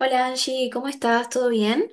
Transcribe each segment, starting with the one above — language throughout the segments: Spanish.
Hola Angie, ¿cómo estás? ¿Todo bien?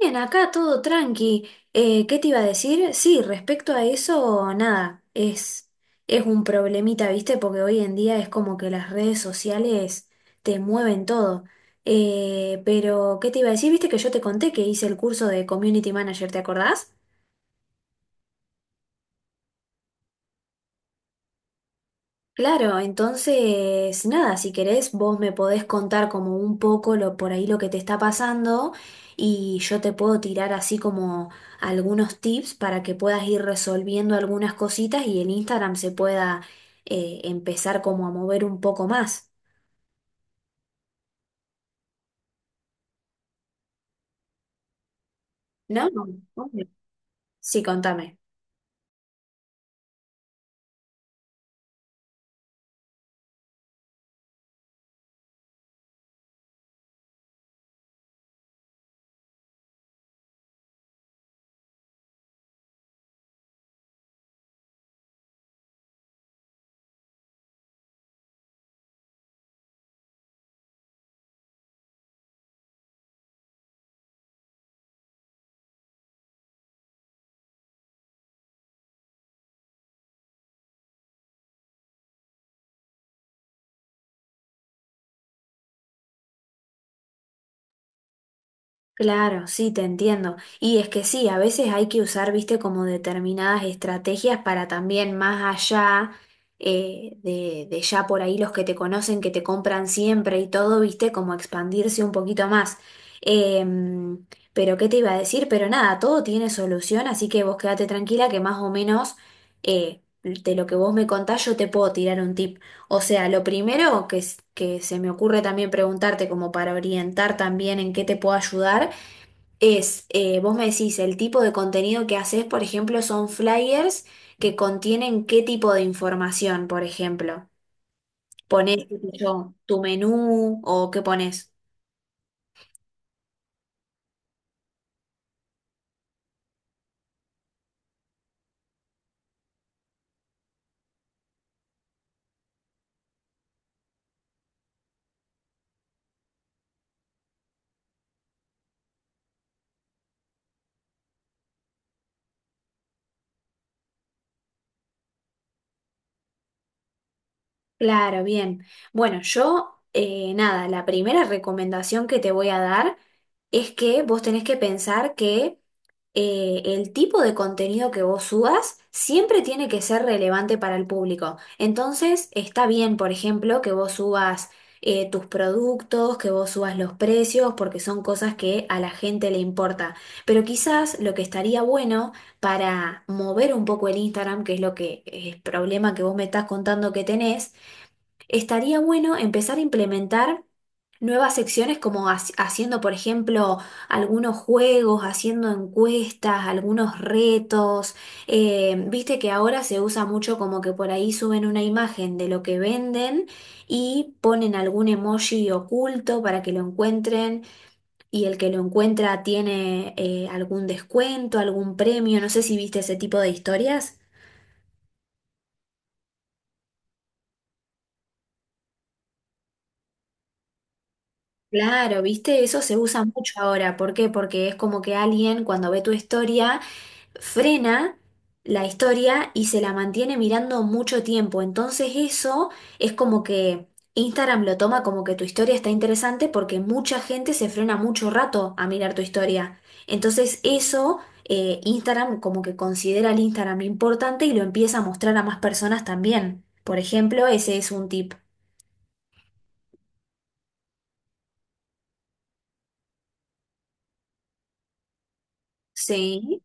Bien, acá todo tranqui. ¿Qué te iba a decir? Sí, respecto a eso, nada, es un problemita, ¿viste? Porque hoy en día es como que las redes sociales te mueven todo. Pero, ¿qué te iba a decir? ¿Viste que yo te conté que hice el curso de Community Manager, ¿te acordás? Claro, entonces, nada, si querés, vos me podés contar como un poco lo, por ahí lo que te está pasando y yo te puedo tirar así como algunos tips para que puedas ir resolviendo algunas cositas y el Instagram se pueda empezar como a mover un poco más, ¿no? Obvio. Sí, contame. Claro, sí, te entiendo. Y es que sí, a veces hay que usar, viste, como determinadas estrategias para también más allá de ya por ahí los que te conocen, que te compran siempre y todo, viste, como expandirse un poquito más. Em, pero ¿qué te iba a decir? Pero nada, todo tiene solución, así que vos quédate tranquila que más o menos de lo que vos me contás yo te puedo tirar un tip. O sea, lo primero que, que se me ocurre también preguntarte como para orientar también en qué te puedo ayudar es, vos me decís, el tipo de contenido que haces, por ejemplo, son flyers que contienen qué tipo de información, por ejemplo. ¿Ponés, qué sé yo, tu menú o qué ponés? Claro, bien. Bueno, yo, nada, la primera recomendación que te voy a dar es que vos tenés que pensar que el tipo de contenido que vos subas siempre tiene que ser relevante para el público. Entonces, está bien, por ejemplo, que vos subas tus productos, que vos subas los precios, porque son cosas que a la gente le importa. Pero quizás lo que estaría bueno para mover un poco el Instagram, que es lo que es el problema que vos me estás contando que tenés, estaría bueno empezar a implementar nuevas secciones como haciendo, por ejemplo, algunos juegos, haciendo encuestas, algunos retos. Viste que ahora se usa mucho como que por ahí suben una imagen de lo que venden y ponen algún emoji oculto para que lo encuentren y el que lo encuentra tiene algún descuento, algún premio. No sé si viste ese tipo de historias. Claro, viste, eso se usa mucho ahora. ¿Por qué? Porque es como que alguien cuando ve tu historia frena la historia y se la mantiene mirando mucho tiempo. Entonces eso es como que Instagram lo toma como que tu historia está interesante porque mucha gente se frena mucho rato a mirar tu historia. Entonces eso Instagram como que considera el Instagram importante y lo empieza a mostrar a más personas también. Por ejemplo, ese es un tip. Sí.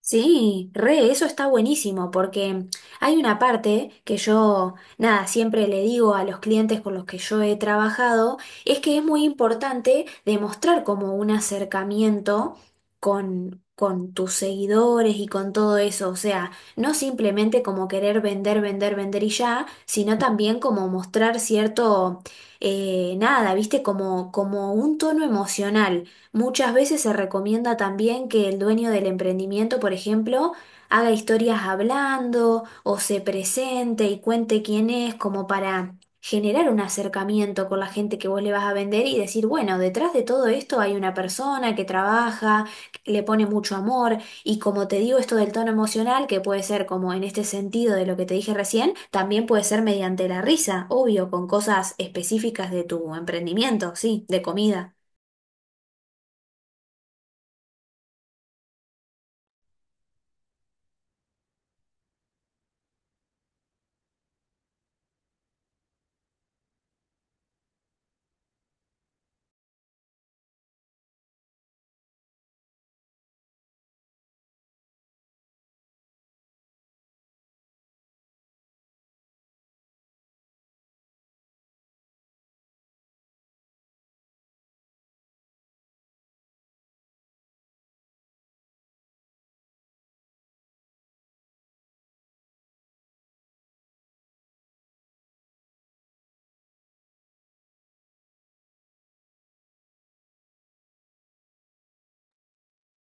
Sí, re, eso está buenísimo porque hay una parte que yo, nada, siempre le digo a los clientes con los que yo he trabajado, es que es muy importante demostrar como un acercamiento con tus seguidores y con todo eso, o sea, no simplemente como querer vender, vender, vender y ya, sino también como mostrar cierto, nada, viste, como, como un tono emocional. Muchas veces se recomienda también que el dueño del emprendimiento, por ejemplo, haga historias hablando o se presente y cuente quién es, como para generar un acercamiento con la gente que vos le vas a vender y decir, bueno, detrás de todo esto hay una persona que trabaja, que le pone mucho amor y como te digo esto del tono emocional, que puede ser como en este sentido de lo que te dije recién, también puede ser mediante la risa, obvio, con cosas específicas de tu emprendimiento, sí, de comida.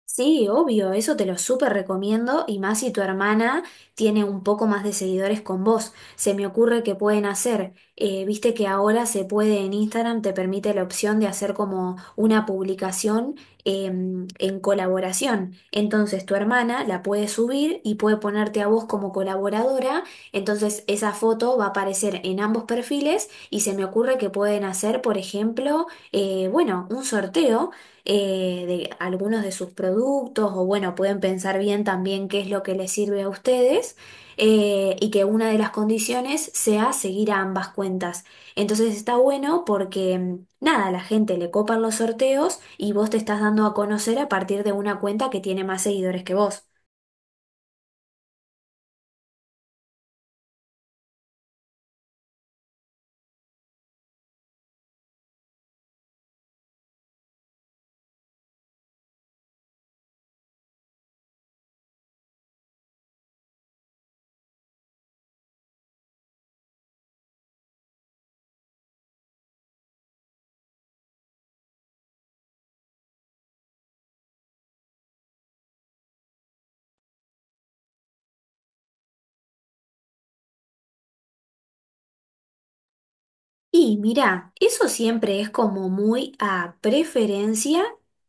Sí, obvio, eso te lo súper recomiendo y más si tu hermana tiene un poco más de seguidores con vos. Se me ocurre que pueden hacer, viste que ahora se puede en Instagram, te permite la opción de hacer como una publicación en colaboración. Entonces tu hermana la puede subir y puede ponerte a vos como colaboradora, entonces esa foto va a aparecer en ambos perfiles y se me ocurre que pueden hacer, por ejemplo, bueno, un sorteo de algunos de sus productos o bueno, pueden pensar bien también qué es lo que les sirve a ustedes y que una de las condiciones sea seguir a ambas cuentas. Entonces está bueno porque nada, a la gente le copan los sorteos y vos te estás dando a conocer a partir de una cuenta que tiene más seguidores que vos. Y mira, eso siempre es como muy a preferencia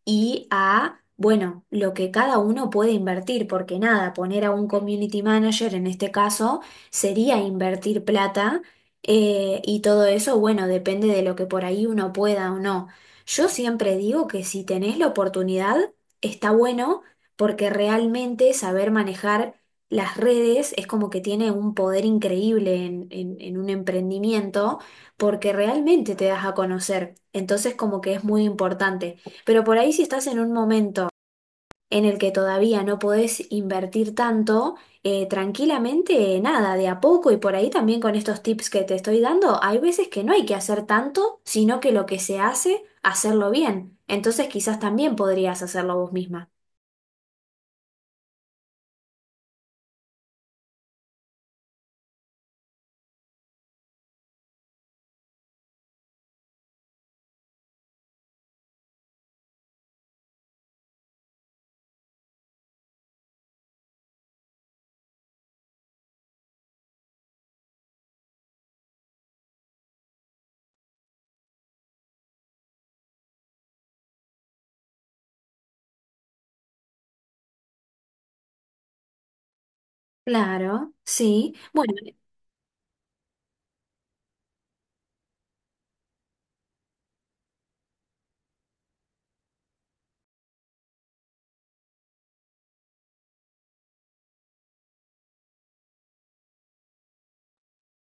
y a, bueno, lo que cada uno puede invertir, porque nada, poner a un community manager en este caso sería invertir plata y todo eso, bueno, depende de lo que por ahí uno pueda o no. Yo siempre digo que si tenés la oportunidad, está bueno, porque realmente saber manejar las redes es como que tiene un poder increíble en en un emprendimiento porque realmente te das a conocer, entonces como que es muy importante. Pero por ahí si estás en un momento en el que todavía no podés invertir tanto, tranquilamente nada, de a poco y por ahí también con estos tips que te estoy dando, hay veces que no hay que hacer tanto, sino que lo que se hace, hacerlo bien. Entonces quizás también podrías hacerlo vos misma. Claro, sí. Bueno.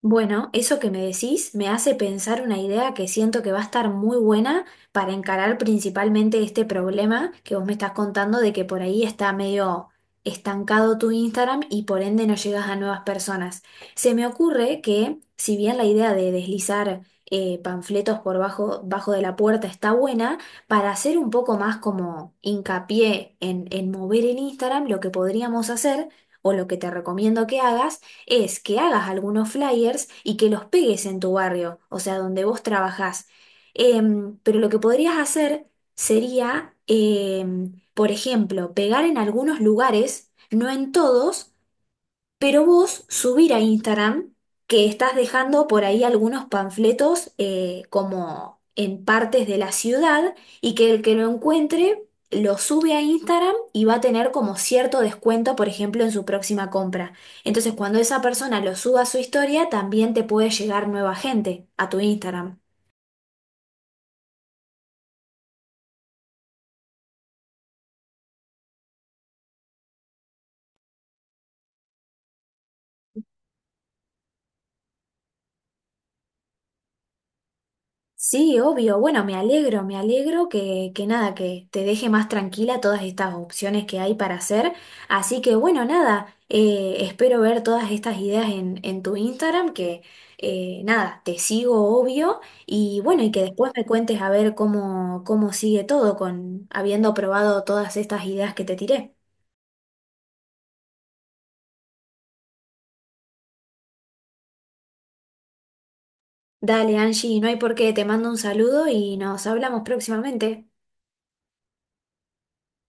Bueno, eso que me decís me hace pensar una idea que siento que va a estar muy buena para encarar principalmente este problema que vos me estás contando de que por ahí está medio estancado tu Instagram y por ende no llegas a nuevas personas. Se me ocurre que si bien la idea de deslizar panfletos por bajo, bajo de la puerta está buena, para hacer un poco más como hincapié en mover el Instagram, lo que podríamos hacer o lo que te recomiendo que hagas, es que hagas algunos flyers y que los pegues en tu barrio, o sea, donde vos trabajás. Pero lo que podrías hacer sería, por ejemplo, pegar en algunos lugares, no en todos, pero vos subir a Instagram que estás dejando por ahí algunos panfletos como en partes de la ciudad y que el que lo encuentre lo sube a Instagram y va a tener como cierto descuento, por ejemplo, en su próxima compra. Entonces, cuando esa persona lo suba a su historia, también te puede llegar nueva gente a tu Instagram. Sí, obvio. Bueno, me alegro que nada, que te deje más tranquila todas estas opciones que hay para hacer. Así que bueno, nada, espero ver todas estas ideas en tu Instagram, que nada, te sigo obvio. Y bueno, y que después me cuentes a ver cómo, cómo sigue todo con habiendo probado todas estas ideas que te tiré. Dale, Angie, no hay por qué, te mando un saludo y nos hablamos próximamente.